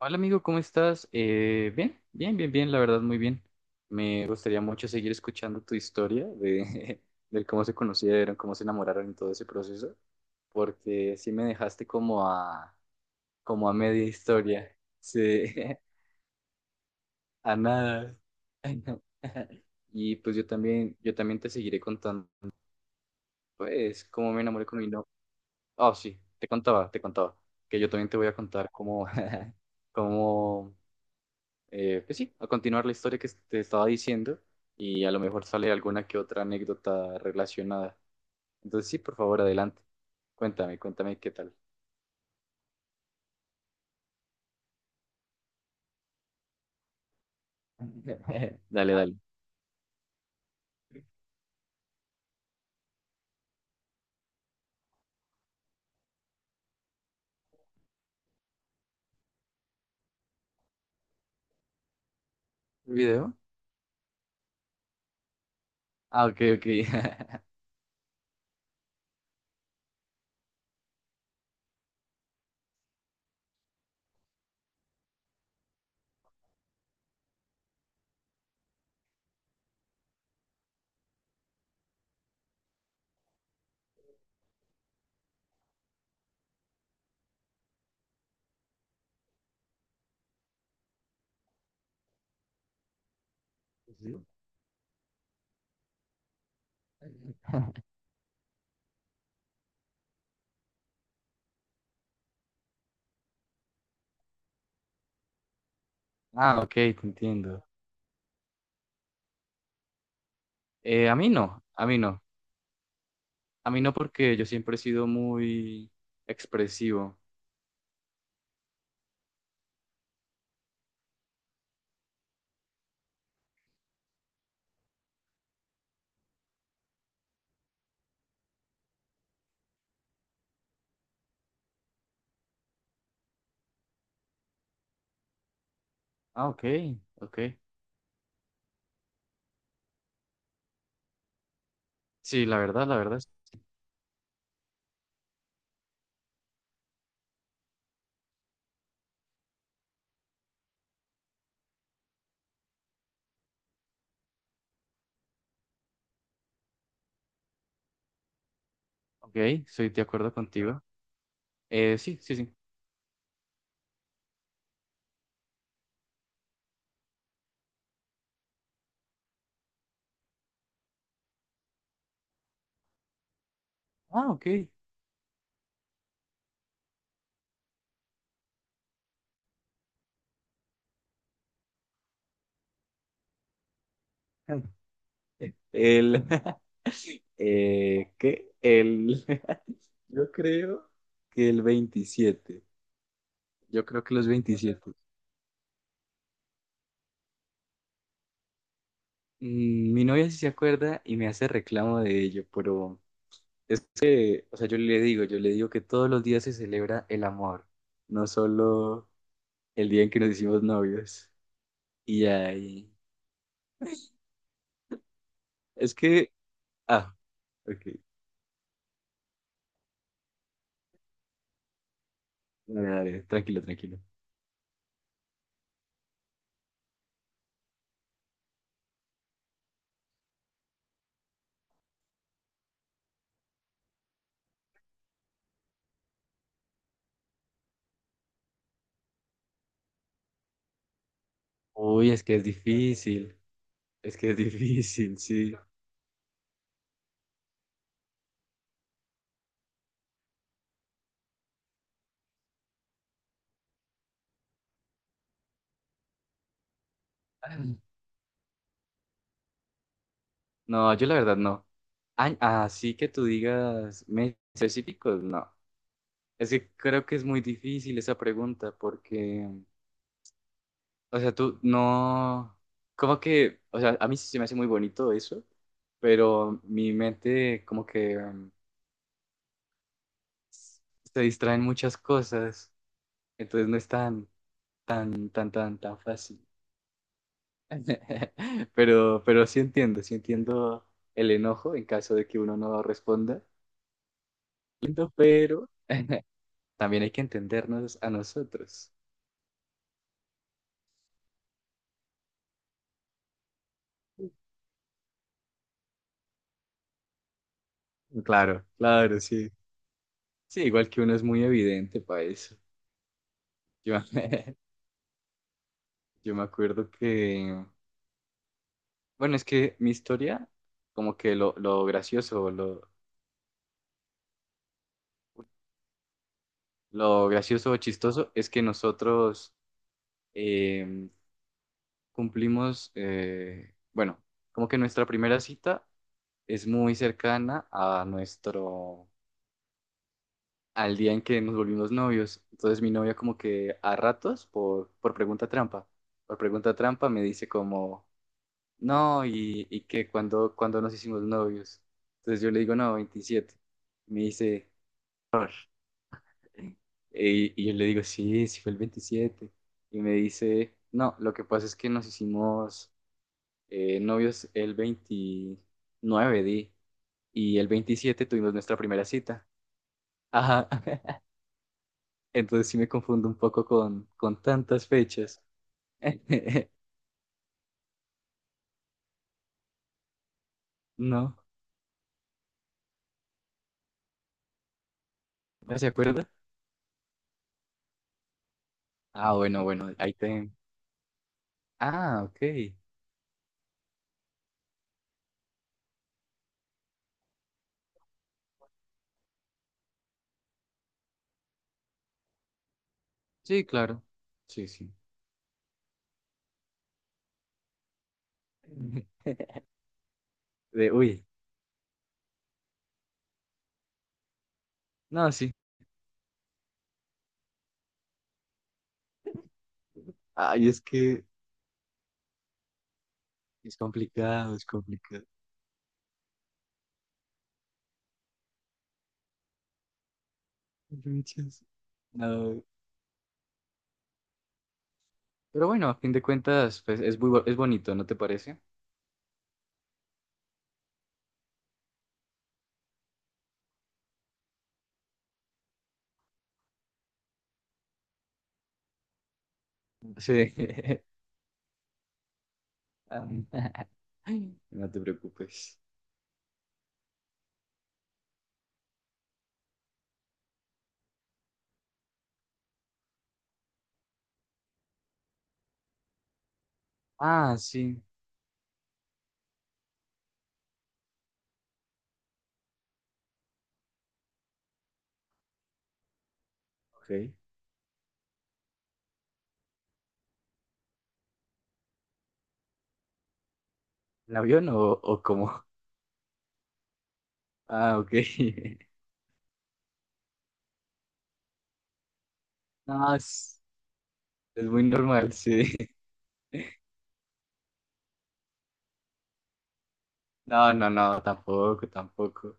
Hola amigo, ¿cómo estás? Bien, la verdad, muy bien. Me gustaría mucho seguir escuchando tu historia de, de cómo se conocieron, cómo se enamoraron y todo ese proceso, porque sí me dejaste como a, como a media historia, sí, a nada. Y pues yo también te seguiré contando, pues, cómo me enamoré con mi novia. Ah, sí, te contaba, que yo también te voy a contar cómo, cómo pues sí, a continuar la historia que te estaba diciendo y a lo mejor sale alguna que otra anécdota relacionada. Entonces sí, por favor, adelante. Cuéntame qué tal. Dale, dale. ¿El video? Ah, ok, ok. Sí. Ah, ok, te entiendo. A mí no, a mí no. A mí no porque yo siempre he sido muy expresivo. Ah, ok, ok. Sí, la verdad, la verdad, sí. Ok, estoy de acuerdo contigo. Sí, sí, sí. Ah, ok. El, eh, ¿qué? El, yo creo que el veintisiete. Yo creo que los veintisiete. Mm, mi novia sí se acuerda y me hace reclamo de ello, pero es que, o sea, yo le digo que todos los días se celebra el amor, no solo el día en que nos hicimos novios. Y ahí, es que, ah, ok, dale, dale, tranquilo, tranquilo. Uy, es que es difícil, sí. No, yo la verdad no. Ay, así que tú digas meses específicos, no. Es que creo que es muy difícil esa pregunta porque, o sea, tú no, como que, o sea, a mí sí se me hace muy bonito eso, pero mi mente como que se distraen muchas cosas, entonces no es tan, tan fácil. Pero sí entiendo el enojo en caso de que uno no responda. Entiendo, pero también hay que entendernos a nosotros. Claro, claro, sí. Sí, igual que uno es muy evidente para eso. Yo, yo me acuerdo que, bueno, es que mi historia, como que lo gracioso, lo gracioso o chistoso es que nosotros eh, cumplimos, bueno, como que nuestra primera cita es muy cercana a nuestro al día en que nos volvimos novios. Entonces mi novia como que a ratos, por pregunta trampa me dice como, no, y que cuando, cuando nos hicimos novios. Entonces yo le digo, no, 27. Me dice, "Por", y yo le digo, sí, sí fue el 27. Y me dice, no, lo que pasa es que nos hicimos novios el 29, di, y el 27 tuvimos nuestra primera cita. Ajá. Entonces sí me confundo un poco con tantas fechas. No, ¿no se acuerda? Ah, bueno, bueno, ahí te... Ah, ok. Sí, claro. Sí, sí. De, uy, no, sí. Ay, es que es complicado, es complicado. Muchas. No. Pero bueno, a fin de cuentas, pues es muy, bo- es bonito, ¿no te parece? Sí. Ah, no te preocupes. Ah, sí. Ok. ¿El avión o cómo? Ah, ok. No, es muy normal, sí. No, no, no, tampoco, tampoco.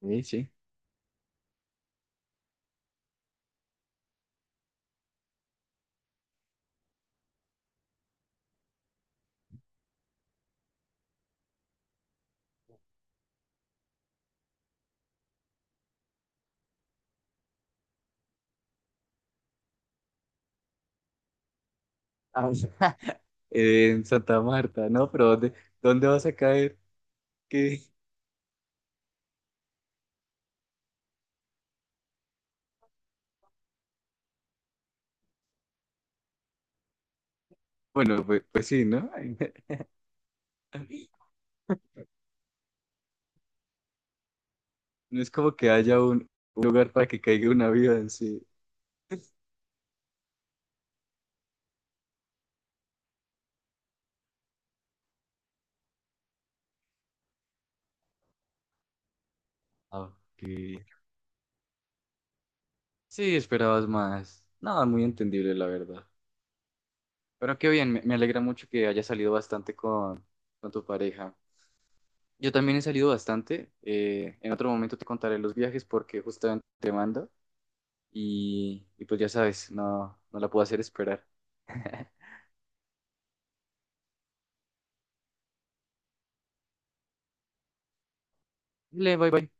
Sí, sí. Ah, en Santa Marta, ¿no? Pero ¿dónde, dónde vas a caer? ¿Qué? Bueno, pues sí, ¿no? No es como que haya un lugar para que caiga un avión, sí. Ah, ok. Sí, esperabas más. Nada, muy entendible, la verdad. Pero qué bien, me alegra mucho que haya salido bastante con tu pareja. Yo también he salido bastante. En otro momento te contaré los viajes porque justamente te mando y pues ya sabes, no, no la puedo hacer esperar. Dile, bye bye.